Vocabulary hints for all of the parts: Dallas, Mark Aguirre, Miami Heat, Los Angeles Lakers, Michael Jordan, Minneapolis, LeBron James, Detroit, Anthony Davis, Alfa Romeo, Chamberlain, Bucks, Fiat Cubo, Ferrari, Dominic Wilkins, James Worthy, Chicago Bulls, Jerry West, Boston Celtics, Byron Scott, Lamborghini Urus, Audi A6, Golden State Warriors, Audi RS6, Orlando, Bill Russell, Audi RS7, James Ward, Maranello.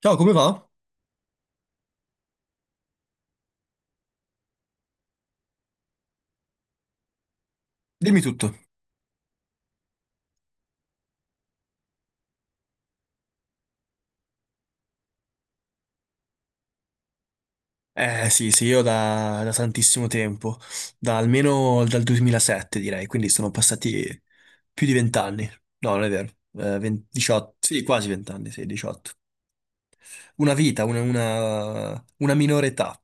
Ciao, come va? Dimmi tutto. Eh sì, sì, io da tantissimo tempo, da almeno dal 2007 direi, quindi sono passati più di 20 anni. No, non è vero. 18, sì, quasi 20 anni, sì, 18. Una vita, una minore età.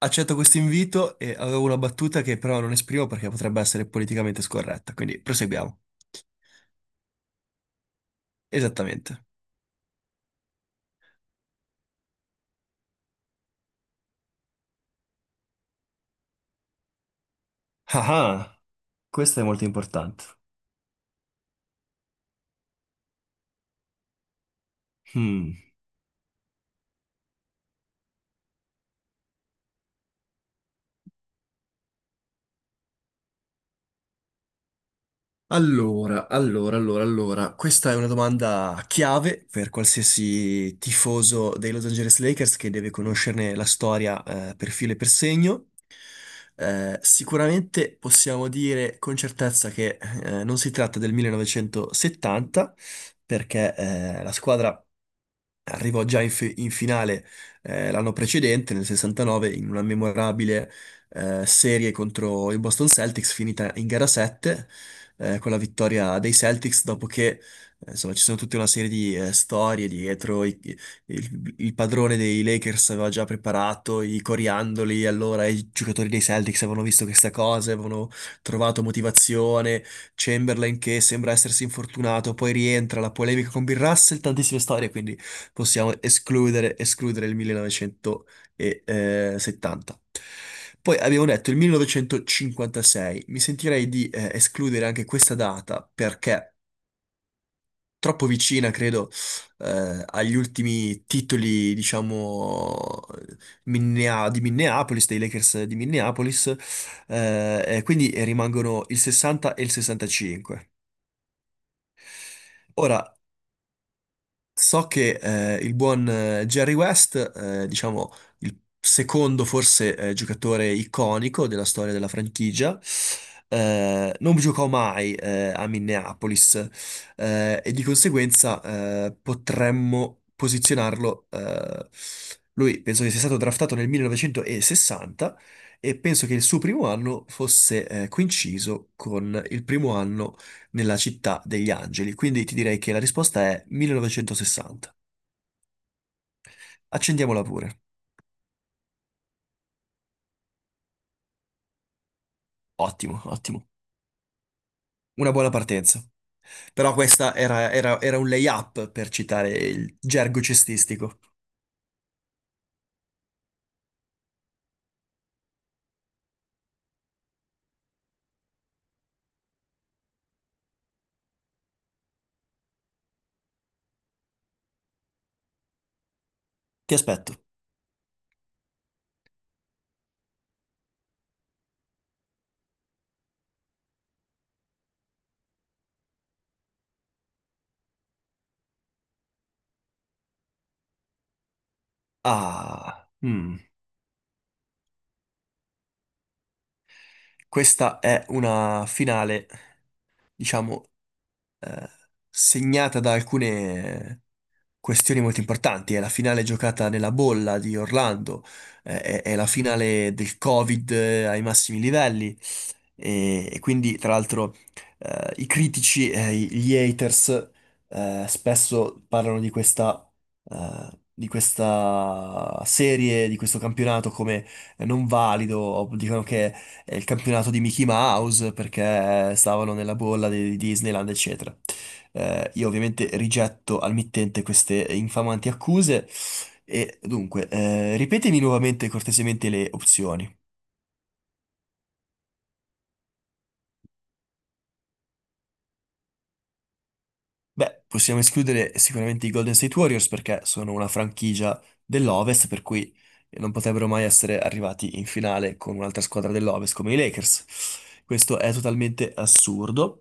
Accetto questo invito e avevo una battuta che però non esprimo perché potrebbe essere politicamente scorretta, quindi proseguiamo. Esattamente. Ah, ah, questo è molto importante. Allora, questa è una domanda chiave per qualsiasi tifoso dei Los Angeles Lakers che deve conoscerne la storia, per filo e per segno. Sicuramente possiamo dire con certezza che non si tratta del 1970, perché la squadra arrivò già in finale, l'anno precedente, nel 69, in una memorabile serie contro i Boston Celtics, finita in gara 7, con la vittoria dei Celtics, dopo che, insomma, ci sono tutta una serie di storie dietro. Il padrone dei Lakers aveva già preparato i coriandoli, allora i giocatori dei Celtics avevano visto questa cosa, avevano trovato motivazione. Chamberlain che sembra essersi infortunato, poi rientra, la polemica con Bill Russell, tantissime storie, quindi possiamo escludere il 1970. Poi abbiamo detto il 1956, mi sentirei di escludere anche questa data perché troppo vicina, credo, agli ultimi titoli, diciamo, di Minneapolis, dei Lakers di Minneapolis, e quindi rimangono il 60 e il 65. Ora, so che, il buon, Jerry West, diciamo il secondo, forse, giocatore iconico della storia della franchigia, non giocò mai, a Minneapolis, e di conseguenza, potremmo posizionarlo, lui penso che sia stato draftato nel 1960 e penso che il suo primo anno fosse, coinciso con il primo anno nella città degli angeli, quindi ti direi che la risposta è 1960. Accendiamola pure. Ottimo, ottimo. Una buona partenza. Però questa era un lay-up per citare il gergo cestistico. Ti aspetto. Ah, questa è una finale, diciamo, eh, segnata da alcune questioni molto importanti. È la finale giocata nella bolla di Orlando, è la finale del Covid, ai massimi livelli. E quindi, tra l'altro, i critici, gli haters, spesso parlano di questa, di questa serie, di questo campionato come, non valido, o dicono che è il campionato di Mickey Mouse perché stavano nella bolla di Disneyland, eccetera. Io ovviamente rigetto al mittente queste infamanti accuse e dunque, ripetemi nuovamente cortesemente le opzioni. Beh, possiamo escludere sicuramente i Golden State Warriors perché sono una franchigia dell'Ovest, per cui non potrebbero mai essere arrivati in finale con un'altra squadra dell'Ovest come i Lakers. Questo è totalmente assurdo.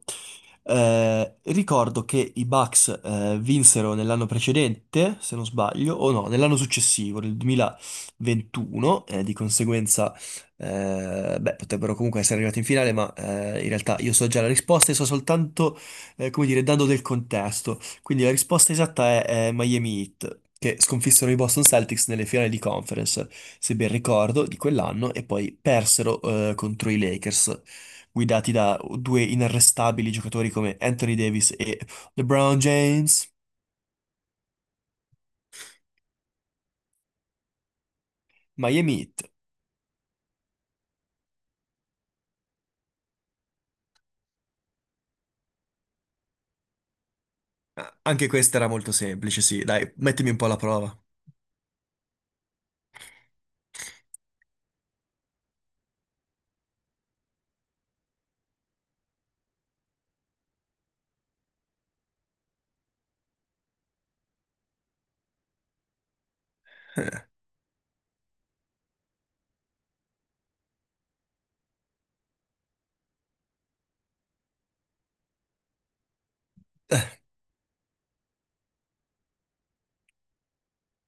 Ricordo che i Bucks, vinsero nell'anno precedente, se non sbaglio, o no, nell'anno successivo, nel 2021, di conseguenza, beh, potrebbero comunque essere arrivati in finale, ma, in realtà io so già la risposta e so soltanto, come dire, dando del contesto. Quindi la risposta esatta è Miami Heat, che sconfissero i Boston Celtics nelle finali di conference, se ben ricordo, di quell'anno, e poi persero, contro i Lakers, guidati da due inarrestabili giocatori come Anthony Davis e LeBron James. Miami Heat. Ah, anche questa era molto semplice, sì, dai, mettimi un po' alla prova.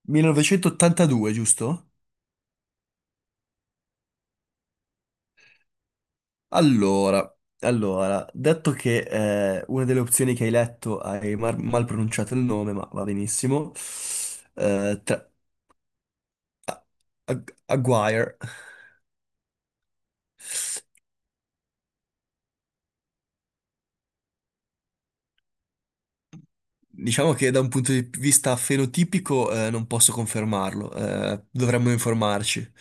1982, giusto? Allora, allora, detto che, una delle opzioni che hai letto hai mal pronunciato il nome, ma va benissimo. Eh, tra- a- Aguirre. Diciamo che da un punto di vista fenotipico, non posso confermarlo, dovremmo informarci.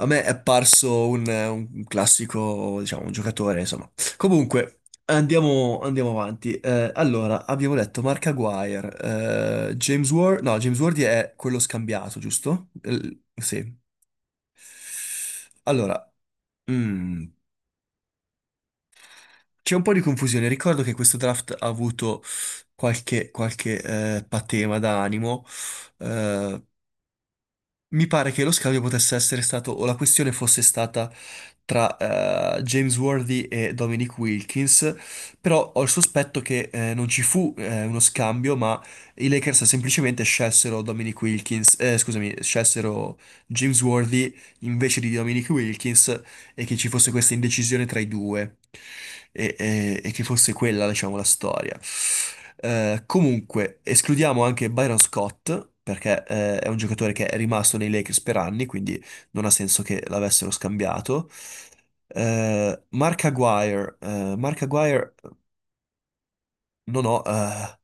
A me è apparso un classico, diciamo, un giocatore, insomma. Comunque, andiamo, andiamo avanti. Allora, abbiamo detto Mark Aguirre, James Ward, no, James Ward è quello scambiato, giusto? Sì. Allora, mm, c'è un po' di confusione. Ricordo che questo draft ha avuto qualche patema d'animo. Eh, mi pare che lo scambio potesse essere stato, o la questione fosse stata tra, James Worthy e Dominic Wilkins, però ho il sospetto che, non ci fu, uno scambio, ma i Lakers semplicemente scelsero Dominic Wilkins, scusami, scelsero James Worthy invece di Dominic Wilkins e che ci fosse questa indecisione tra i due e che fosse quella, diciamo, la storia. Comunque, escludiamo anche Byron Scott. Perché, è un giocatore che è rimasto nei Lakers per anni, quindi non ha senso che l'avessero scambiato. Mark Aguirre, Mark Aguirre, non ho,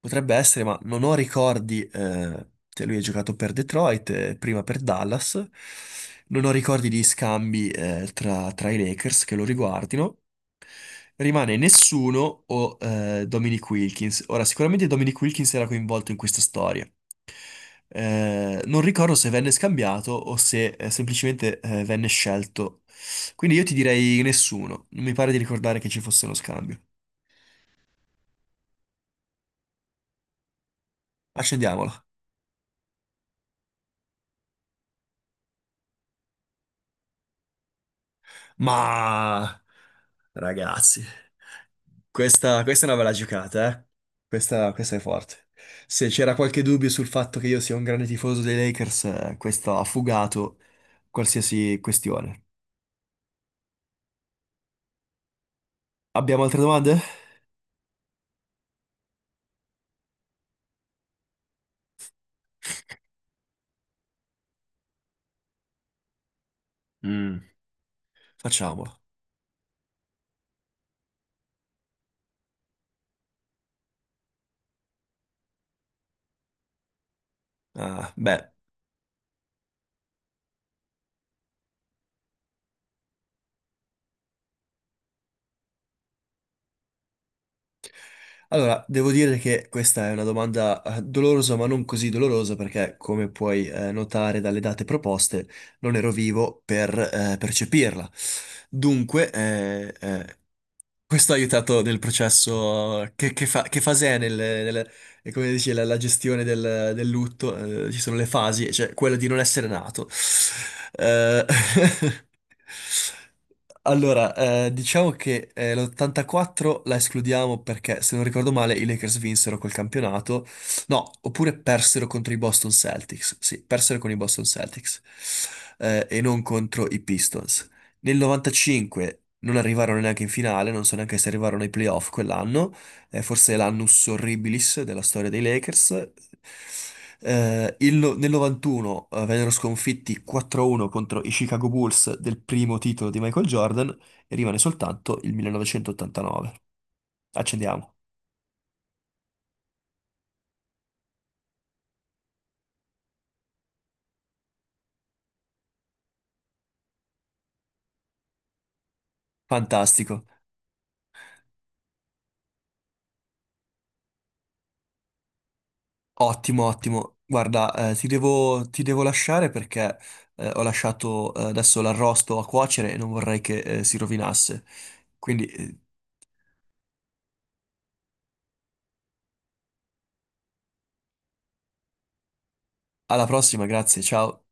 potrebbe essere, ma non ho ricordi, cioè, lui ha giocato per Detroit, prima per Dallas. Non ho ricordi di scambi, tra i Lakers che lo riguardino. Rimane nessuno o, Dominic Wilkins. Ora, sicuramente Dominic Wilkins era coinvolto in questa storia. Non ricordo se venne scambiato o se, semplicemente, venne scelto. Quindi io ti direi nessuno. Non mi pare di ricordare che ci fosse uno scambio. Accendiamolo. Ma ragazzi, questa è una bella giocata, eh? Questa è forte. Se c'era qualche dubbio sul fatto che io sia un grande tifoso dei Lakers, questo ha fugato qualsiasi questione. Abbiamo altre domande? Mm. Facciamo. Ah, beh. Allora, devo dire che questa è una domanda, dolorosa, ma non così dolorosa, perché come puoi, notare dalle date proposte, non ero vivo per, percepirla. Dunque, questo ha aiutato nel processo. Che fase è, e come dici, la gestione del lutto? Ci sono le fasi, cioè quella di non essere nato. Eh, Allora, diciamo che, l'84 la escludiamo perché, se non ricordo male, i Lakers vinsero quel campionato. No, oppure persero contro i Boston Celtics. Sì, persero con i Boston Celtics, e non contro i Pistons. Nel 95 non arrivarono neanche in finale, non so neanche se arrivarono ai playoff quell'anno, forse l'annus horribilis della storia dei Lakers. Il no- Nel 91, vennero sconfitti 4-1 contro i Chicago Bulls del primo titolo di Michael Jordan e rimane soltanto il 1989. Accendiamo. Fantastico. Ottimo, ottimo. Guarda, ti devo lasciare perché, ho lasciato, adesso l'arrosto a cuocere e non vorrei che, si rovinasse. Quindi, alla prossima, grazie, ciao.